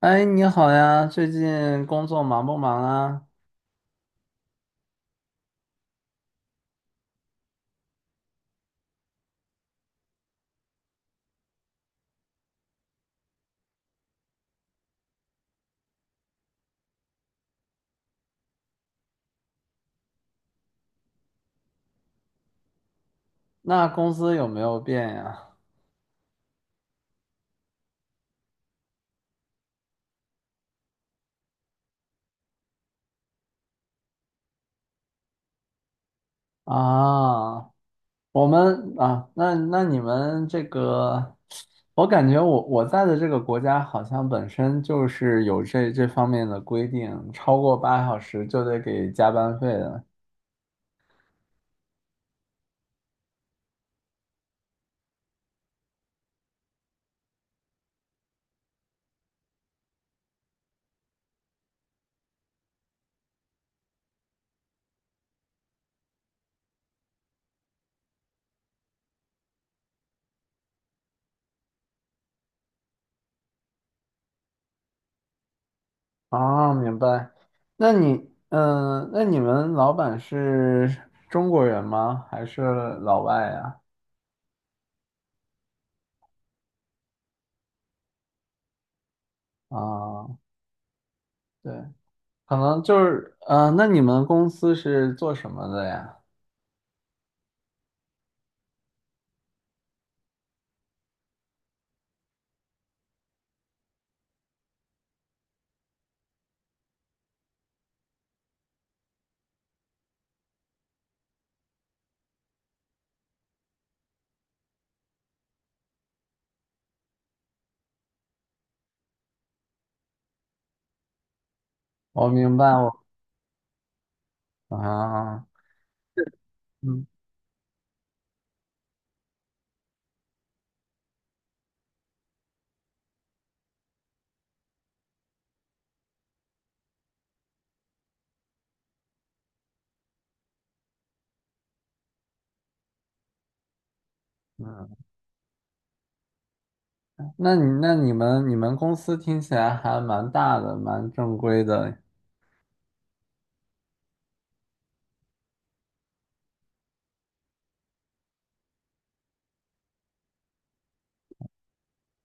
哎，你好呀，最近工作忙不忙啊？那工资有没有变呀？啊，我们啊，那你们这个，我感觉我在的这个国家好像本身就是有这方面的规定，超过8小时就得给加班费的。啊，明白。那你们老板是中国人吗？还是老外呀？啊，对。可能就是，那你们公司是做什么的呀？我明白，我啊，嗯嗯，那你们公司听起来还蛮大的，蛮正规的。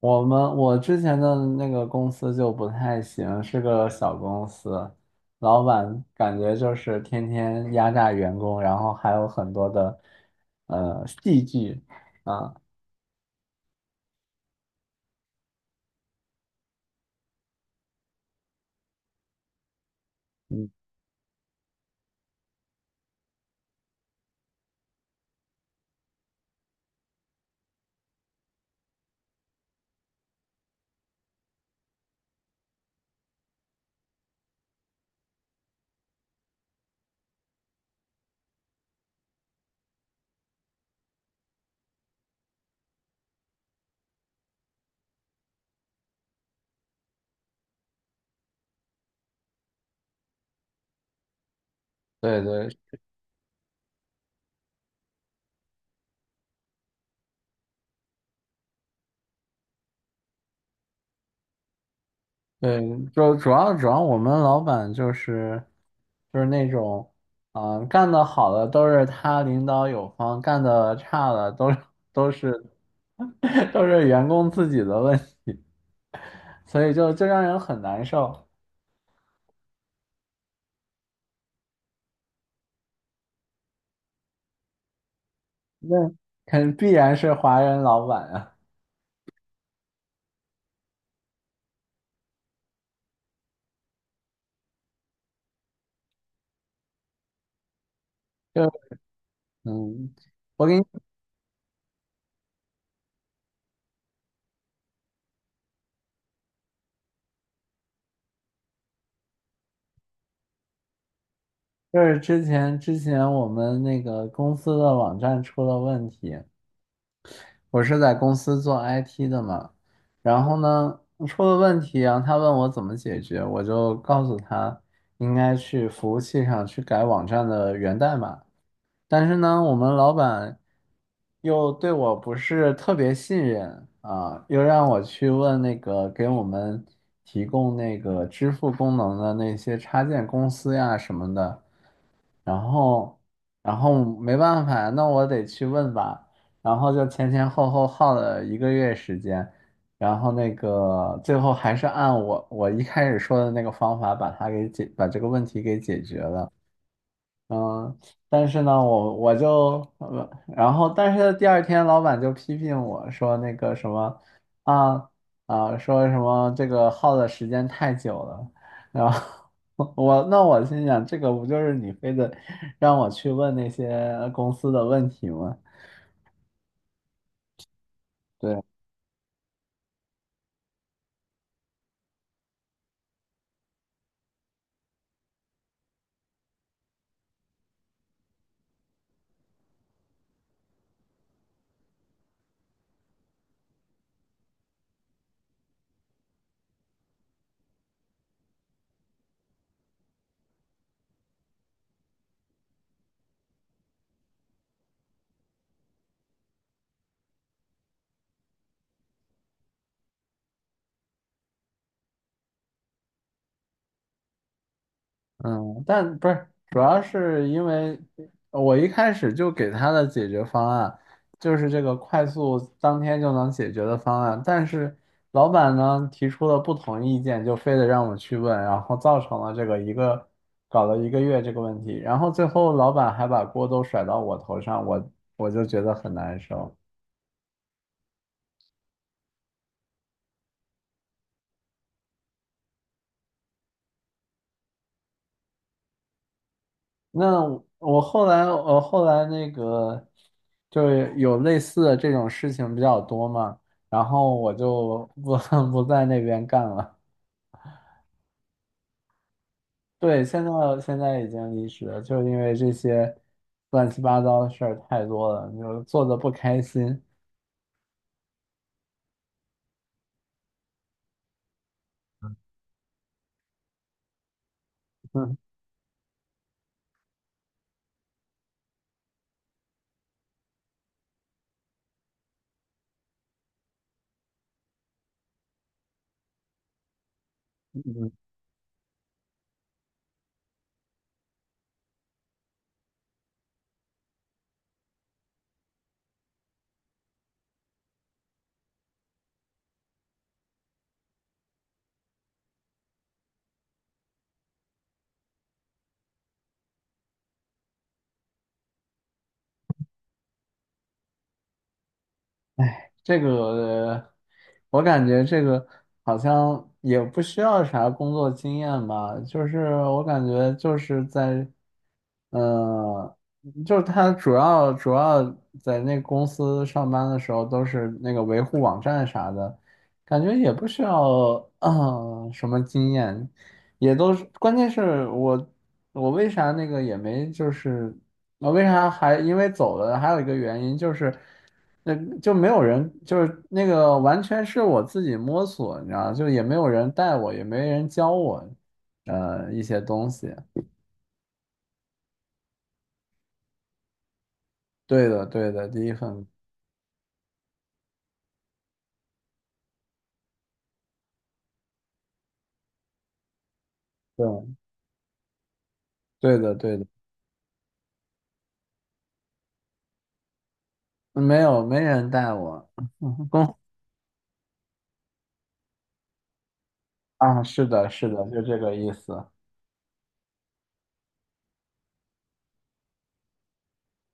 我之前的那个公司就不太行，是个小公司，老板感觉就是天天压榨员工，然后还有很多的戏剧啊，嗯，对对。对，就主要我们老板就是那种，啊、干得好的都是他领导有方，干得差的都是 都是员工自己的问题，所以就让人很难受。那肯必然是华人老板啊，就嗯，我给你，就是之前我们那个公司的网站出了问题，我是在公司做 IT 的嘛，然后呢，出了问题啊，然后他问我怎么解决，我就告诉他应该去服务器上去改网站的源代码。但是呢，我们老板又对我不是特别信任啊，又让我去问那个给我们提供那个支付功能的那些插件公司呀什么的。然后，然后，没办法，那我得去问吧。然后就前前后后耗了一个月时间，然后那个最后还是按我一开始说的那个方法把这个问题给解决了。嗯，但是呢，我就，然后，但是第二天老板就批评我说那个什么，啊啊，说什么这个耗的时间太久了，然后 那我心想，这个不就是你非得让我去问那些公司的问题吗？对。嗯，但不是，主要是因为我一开始就给他的解决方案就是这个快速当天就能解决的方案，但是老板呢提出了不同意见，就非得让我去问，然后造成了这个一个搞了一个月这个问题，然后最后老板还把锅都甩到我头上，我就觉得很难受。那我后来，那个，就是有类似的这种事情比较多嘛，然后我就不 不在那边干了。对，现在已经离职了，就是因为这些乱七八糟的事儿太多了，就是做的不开心。嗯这个，我感觉这个好像也不需要啥工作经验吧，就是我感觉就是在，呃，就是他主要在那公司上班的时候都是那个维护网站啥的，感觉也不需要 什么经验。也都是，关键是我为啥那个也没就是我为啥还因为走了，还有一个原因就是，那就没有人就是那个完全是我自己摸索，你知道，就也没有人带我，也没人教我，一些东西。对的，对的，第一份，对，对的，对的，没有没人带我，公啊，是的，是的，就这个意思。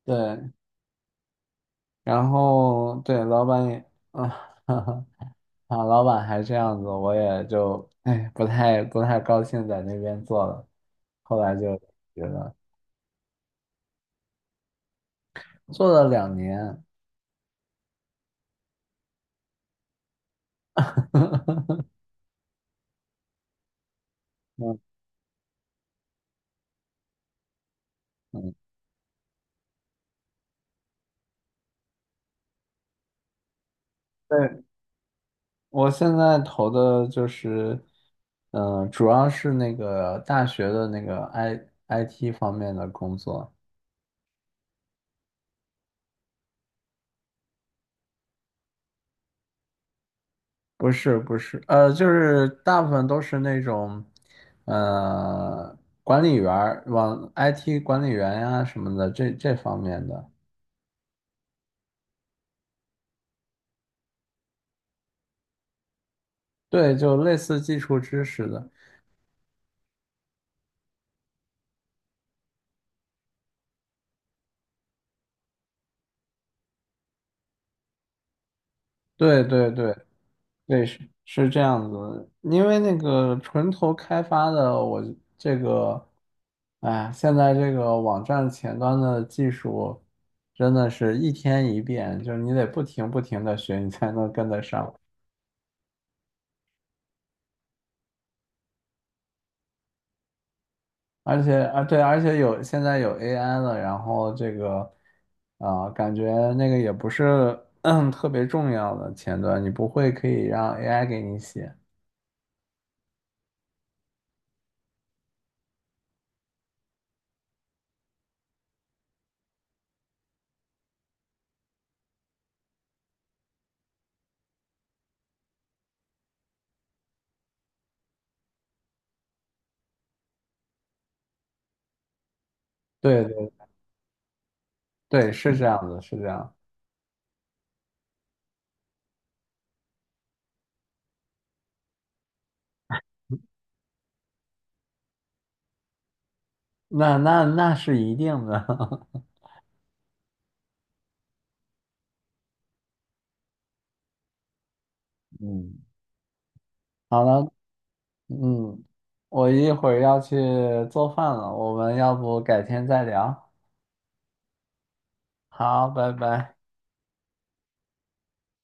对，然后对老板也啊。啊，老板还这样子，我也就哎不太高兴在那边做了，后来就觉得做了2年，嗯嗯，对，我现在投的就是，主要是那个大学的那个 IT 方面的工作，不是不是，就是大部分都是那种，呃，管理员儿，往 IT 管理员呀、什么的这方面的。对，就类似基础知识的，对对对对，是这样子的因为那个纯头开发的，我这个，哎，现在这个网站前端的技术真的是一天一变，就是你得不停的学，你才能跟得上。而且啊，对，而且有现在有 AI 了，然后这个啊、感觉那个也不是 特别重要的前端，你不会可以让 AI 给你写。对对，是这样子，是这样，那是一定的。嗯，好了，嗯，我一会儿要去做饭了，我们要不改天再聊？好，拜拜。